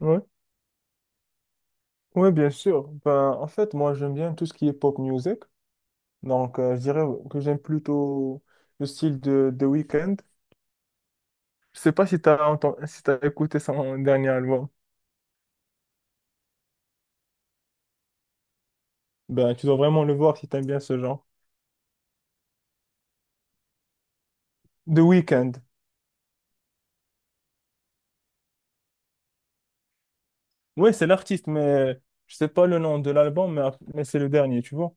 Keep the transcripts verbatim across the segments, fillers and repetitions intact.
Oui, oui, bien sûr. Ben, en fait, moi, j'aime bien tout ce qui est pop music. Donc, euh, je dirais que j'aime plutôt le style de The Weeknd. Je sais pas si tu as entendu, si t'as écouté son dernier album. Ben, tu dois vraiment le voir si tu aimes bien ce genre. The Weeknd. Oui, c'est l'artiste, mais je sais pas le nom de l'album, mais, mais c'est le dernier, tu vois.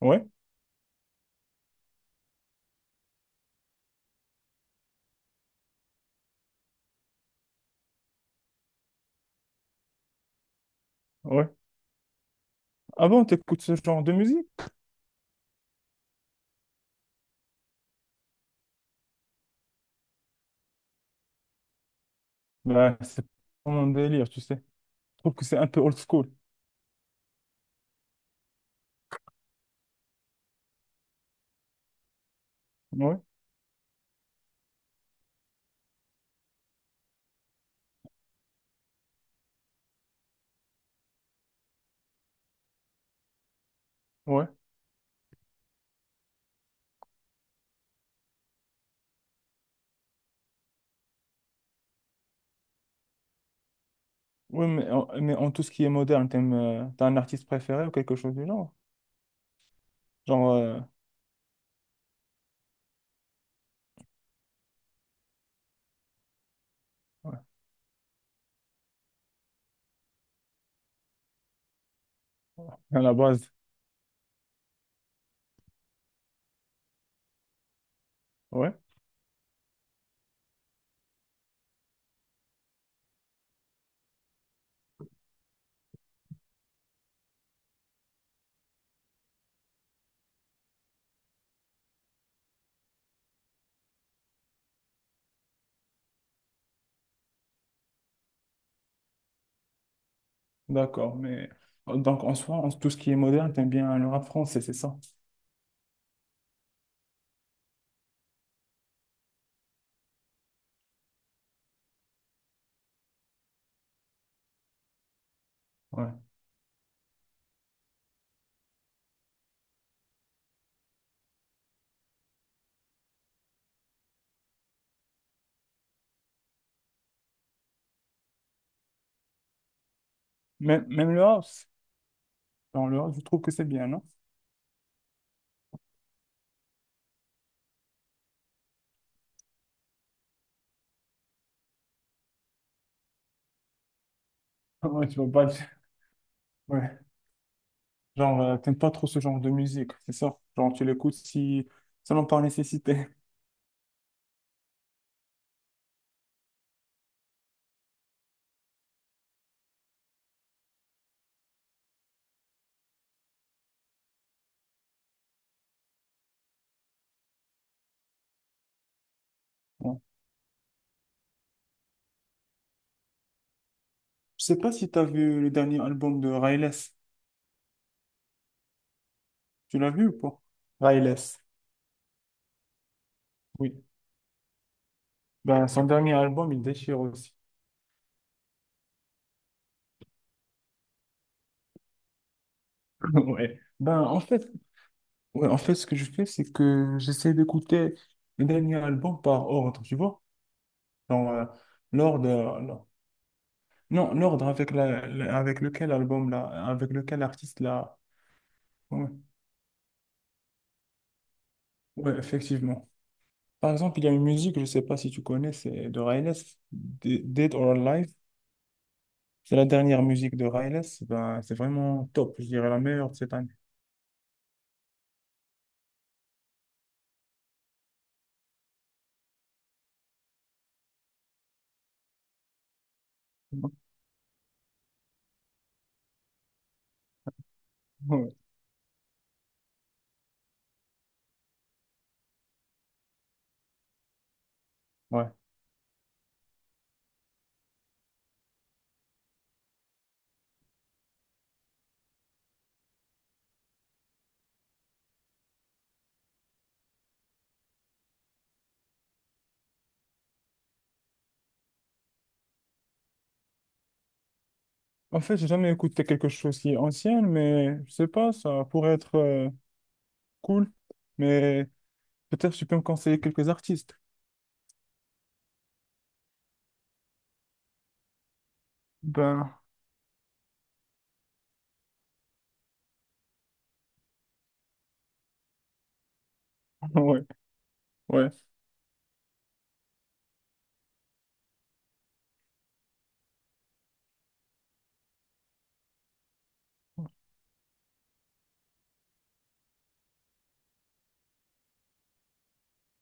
Ouais, ouais. Ah bon, t'écoutes ce genre de musique? Ben, c'est pas mon délire, tu sais. Je trouve que c'est un peu old school. Ouais, ouais. Oui, mais en, mais en tout ce qui est moderne, t'aimes, euh, t'as un artiste préféré ou quelque chose du genre? Genre, euh, ouais, à la base, ouais. D'accord, mais euh, donc en soi, en- tout ce qui est moderne, t'aimes bien le rap français, c'est ça? Ouais. Même, même le house, dans le house, je trouve que c'est bien, non? Ouais, tu vois pas. le- Ouais. Genre, euh, t'aimes pas trop ce genre de musique, c'est ça? Genre, tu l'écoutes si seulement par nécessité. Ouais. Je sais pas si t'as vu le dernier album de Ryless. Tu l'as vu ou pas? Ryless, oui. Ben, son dernier album, il déchire aussi. Ouais. Ben, en fait, ouais, en fait, ce que je fais, c'est que j'essaie d'écouter le dernier album par ordre, tu vois? Dans euh, l'ordre, euh, non, l'ordre avec, la, la- avec lequel album, là, avec lequel artiste, là. Ouais. Ouais, effectivement. Par exemple, il y a une musique, je sais pas si tu connais, c'est de Riles, D- Dead or Alive. C'est la dernière musique de Riles. Ben, c'est vraiment top, je dirais la meilleure de cette année. Ouais. Ouais. En fait, j'ai jamais écouté quelque chose qui est ancien, mais je sais pas, ça pourrait être euh, cool. Mais peut-être tu peux me conseiller quelques artistes. Ben, ouais. Ouais.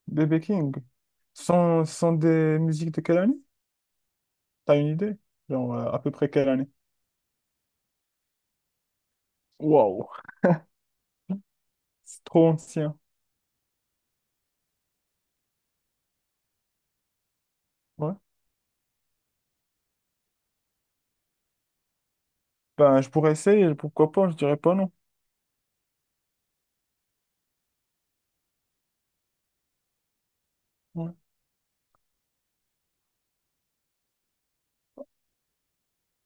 B B King. Ce Sont, ce sont des musiques de quelle année? T'as une idée? Genre, euh, à peu près quelle année? Wow. C'est trop ancien. Ouais. Ben, je pourrais essayer, pourquoi pas, je dirais pas non. Ouais.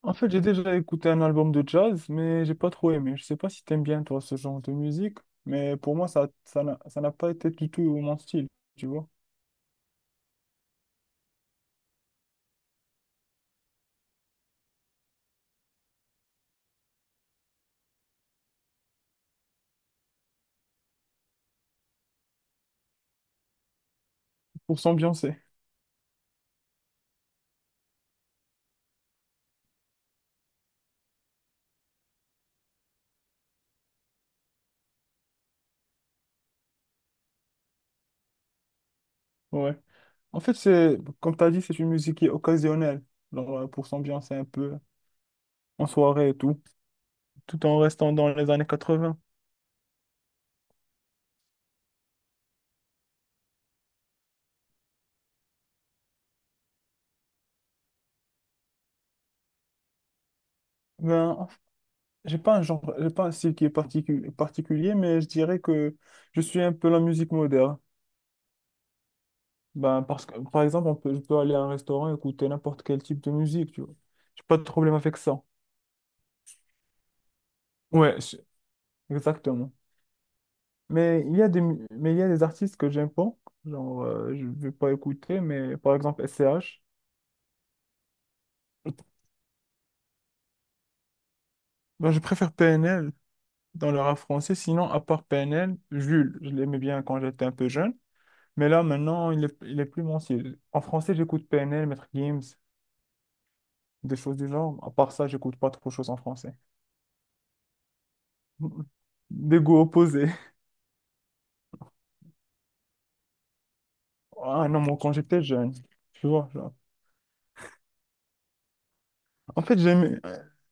En fait, j'ai déjà écouté un album de jazz, mais j'ai pas trop aimé. Je sais pas si t'aimes bien, toi, ce genre de musique, mais pour moi, ça, ça n'a ça n'a pas été du tout mon style, tu vois. Pour s'ambiancer, ouais. En fait, c'est, comme t'as dit, c'est une musique qui est occasionnelle, genre, euh, pour s'ambiancer un peu en soirée et tout, tout en restant dans les années quatre-vingts. Ben, en fait, j'ai pas un genre, j'ai pas un style qui est particu- particulier, mais je dirais que je suis un peu la musique moderne. Ben, parce que, par exemple, on peut, je peux aller à un restaurant et écouter n'importe quel type de musique, tu vois. J'ai pas de problème avec ça. Ouais, je- exactement. Mais il y a des, mu- mais il y a des artistes que j'aime pas, genre, euh, je vais pas écouter, mais par exemple, S C H. Ben, je préfère P N L dans le rap français, sinon, à part P N L Jules, je l'aimais bien quand j'étais un peu jeune. Mais là, maintenant, il est, il est plus mon style. En français, j'écoute P N L, Maître Gims, des choses du genre. À part ça, j'écoute pas trop de choses en français. Des goûts opposés. Ah non, moi, quand j'étais jeune, tu vois, genre. En fait, j'aimais,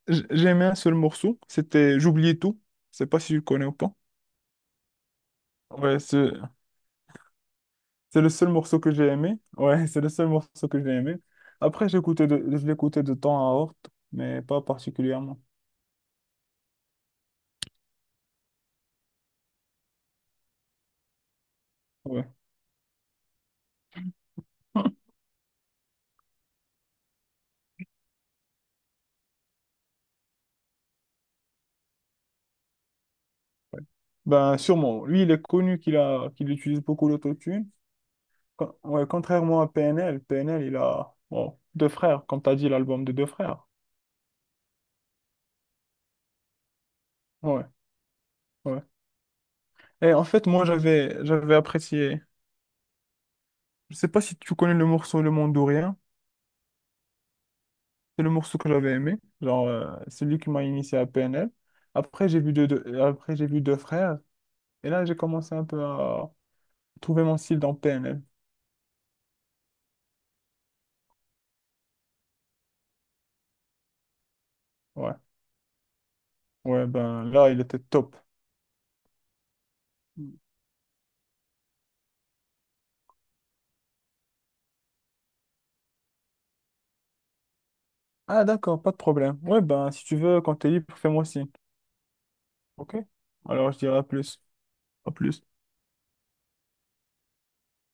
j- j'aimais un seul morceau. C'était J'oubliais tout. Je sais pas si tu le connais ou pas. Ouais, c'est c'est le seul morceau que j'ai aimé. Ouais, c'est le seul morceau que j'ai aimé. Après, j'écoutais de, je l'écoutais de temps à autre, mais pas particulièrement. Ouais. Ben, sûrement. Lui, il est connu qu'il a, qu'il utilise beaucoup l'autotune. Con- ouais, contrairement à P N L, P N L, il a bon, deux frères, comme tu as dit, l'album de deux frères. Ouais, ouais. Et en fait, moi, j'avais j'avais apprécié. Je sais pas si tu connais le morceau Le Monde ou Rien. C'est le morceau que j'avais aimé. Genre, euh, c'est lui qui m'a initié à P N L. Après, j'ai vu deux, deux- après, j'ai vu deux frères. Et là, j'ai commencé un peu à trouver mon style dans P N L. Ouais, ouais, ben là, il était top. Ah, d'accord, pas de problème. Ouais, ben, si tu veux, quand t'es libre, fais-moi signe. OK? Alors, je dirai à plus. À plus.